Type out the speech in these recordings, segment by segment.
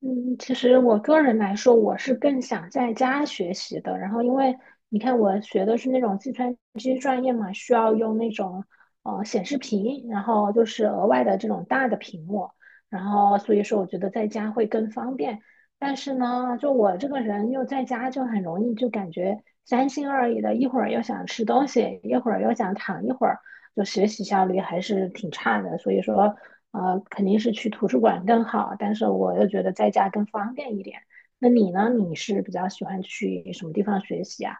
嗯，其实我个人来说，我是更想在家学习的。然后，因为你看，我学的是那种计算机专业嘛，需要用那种显示屏，然后就是额外的这种大的屏幕。然后，所以说我觉得在家会更方便。但是呢，就我这个人又在家就很容易就感觉三心二意的，一会儿又想吃东西，一会儿又想躺一会儿。就学习效率还是挺差的。所以说，肯定是去图书馆更好，但是我又觉得在家更方便一点。那你呢？你是比较喜欢去什么地方学习啊？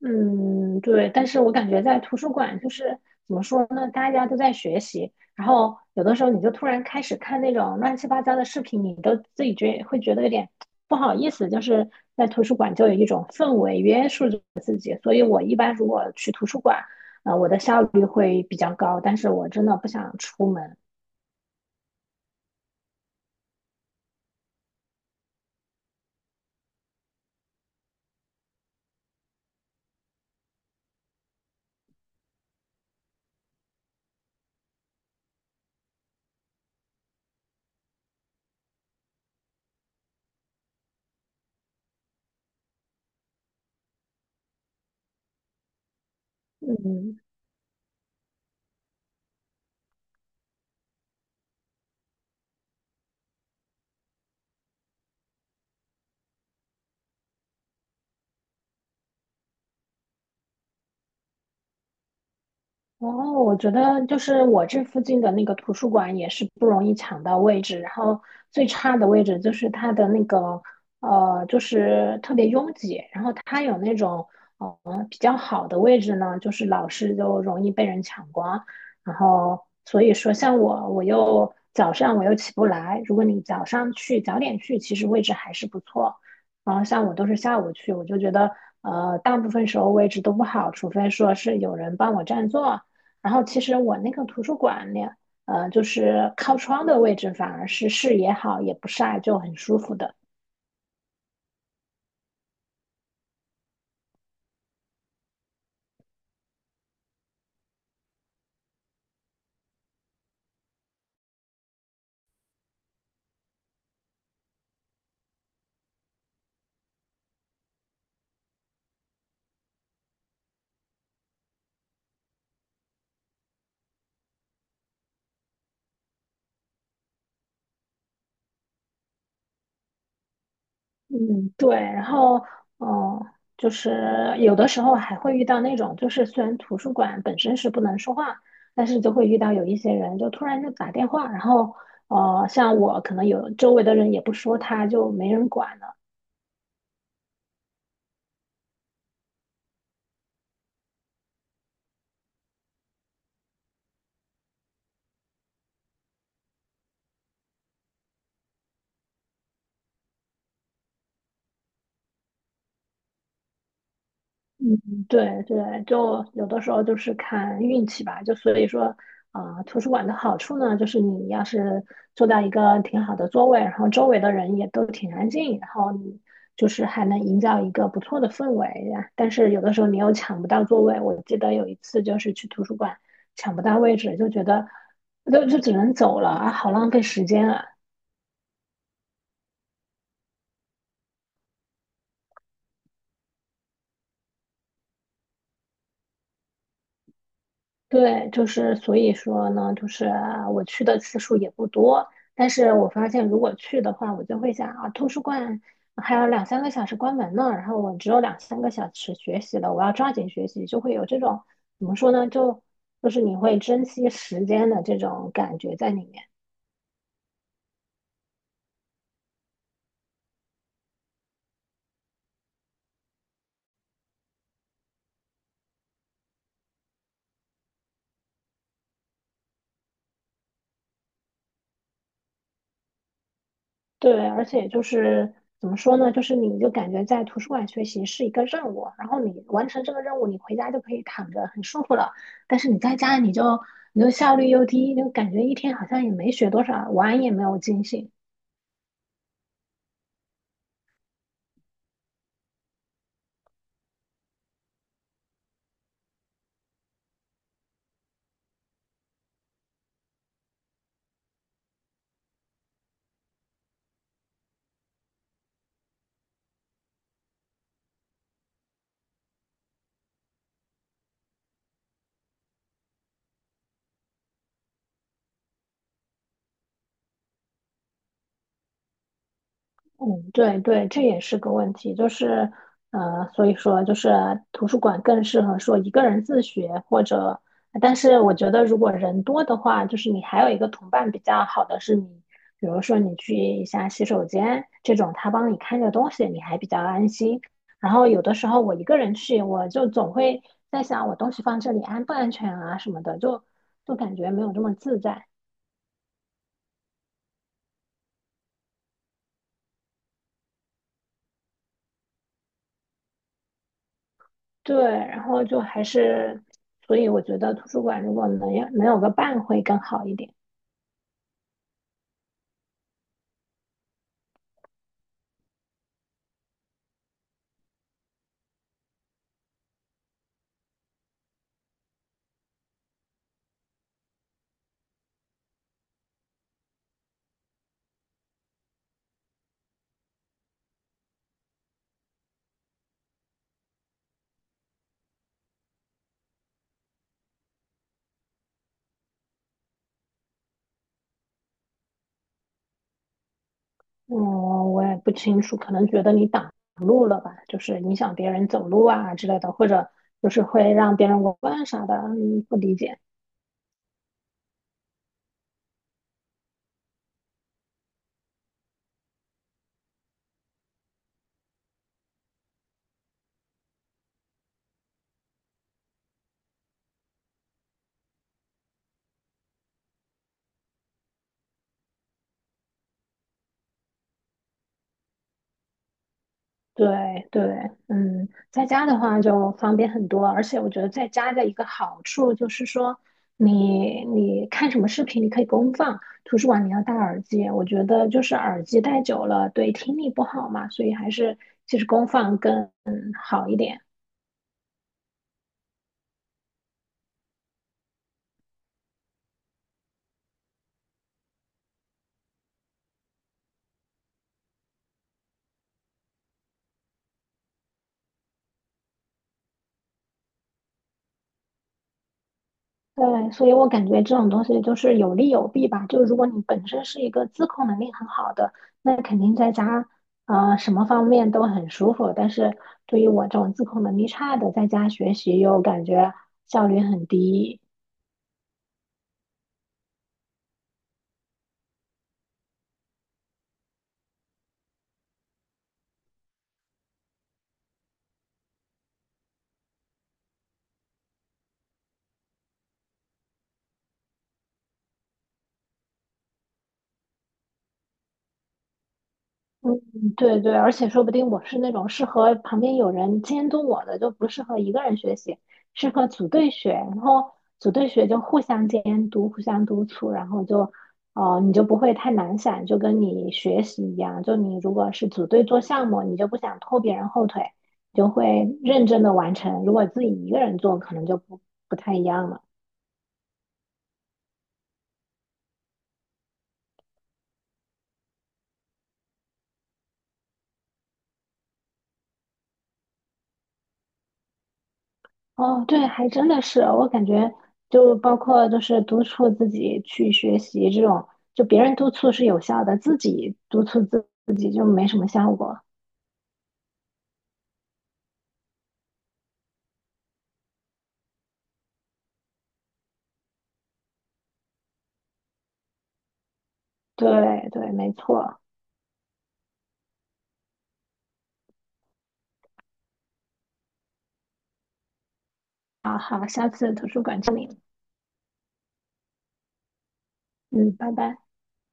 嗯，对，但是我感觉在图书馆就是怎么说呢，大家都在学习，然后有的时候你就突然开始看那种乱七八糟的视频，你都自己觉得有点不好意思，就是在图书馆就有一种氛围约束着自己，所以我一般如果去图书馆，我的效率会比较高，但是我真的不想出门。嗯。哦，我觉得就是我这附近的那个图书馆也是不容易抢到位置，然后最差的位置就是它的那个就是特别拥挤，然后它有那种比较好的位置呢，就是老是就容易被人抢光，然后所以说像我，我早上起不来，如果你早上去早点去，其实位置还是不错，然后像我都是下午去，我就觉得大部分时候位置都不好，除非说是有人帮我占座。然后其实我那个图书馆呢，就是靠窗的位置，反而是视野好，也不晒，就很舒服的。嗯，对。然后，嗯、就是有的时候还会遇到那种，就是虽然图书馆本身是不能说话，但是就会遇到有一些人就突然就打电话，然后，像我可能有周围的人也不说他，就没人管了。嗯，对对，就有的时候就是看运气吧。就所以说，图书馆的好处呢，就是你要是坐到一个挺好的座位，然后周围的人也都挺安静，然后你就是还能营造一个不错的氛围呀。但是有的时候你又抢不到座位，我记得有一次就是去图书馆抢不到位置，就觉得就只能走了啊，好浪费时间啊。对，就是所以说呢，就是我去的次数也不多，但是我发现如果去的话，我就会想啊，图书馆还有两三个小时关门呢，然后我只有两三个小时学习了，我要抓紧学习，就会有这种怎么说呢，就是你会珍惜时间的这种感觉在里面。对，而且就是怎么说呢，就是你就感觉在图书馆学习是一个任务，然后你完成这个任务，你回家就可以躺着很舒服了。但是你在家，你就效率又低，就感觉一天好像也没学多少，玩也没有尽兴。嗯，对对，这也是个问题，就是，所以说就是图书馆更适合说一个人自学，或者，但是我觉得如果人多的话，就是你还有一个同伴比较好的是你，比如说你去一下洗手间这种，他帮你看着东西，你还比较安心。然后有的时候我一个人去，我就总会在想我东西放这里安不安全啊什么的，就感觉没有这么自在。对，然后就还是，所以我觉得图书馆如果能有个伴会更好一点。嗯，我也不清楚，可能觉得你挡路了吧，就是影响别人走路啊之类的，或者就是会让别人围观啥的，嗯，不理解。对对。嗯，在家的话就方便很多，而且我觉得在家的一个好处就是说你看什么视频你可以公放，图书馆你要戴耳机，我觉得就是耳机戴久了对听力不好嘛，所以还是其实公放更好一点。对，所以我感觉这种东西就是有利有弊吧。就如果你本身是一个自控能力很好的，那肯定在家什么方面都很舒服。但是对于我这种自控能力差的，在家学习又感觉效率很低。嗯，对对，而且说不定我是那种适合旁边有人监督我的，就不适合一个人学习，适合组队学。然后组队学就互相监督、互相督促，然后你就不会太懒散，就跟你学习一样。就你如果是组队做项目，你就不想拖别人后腿，就会认真的完成。如果自己一个人做，可能就不不太一样了。哦，对，还真的是，我感觉就包括就是督促自己去学习这种，就别人督促是有效的，自己督促自己就没什么效果。对对，没错。好好，下次图书馆见你。嗯，拜拜。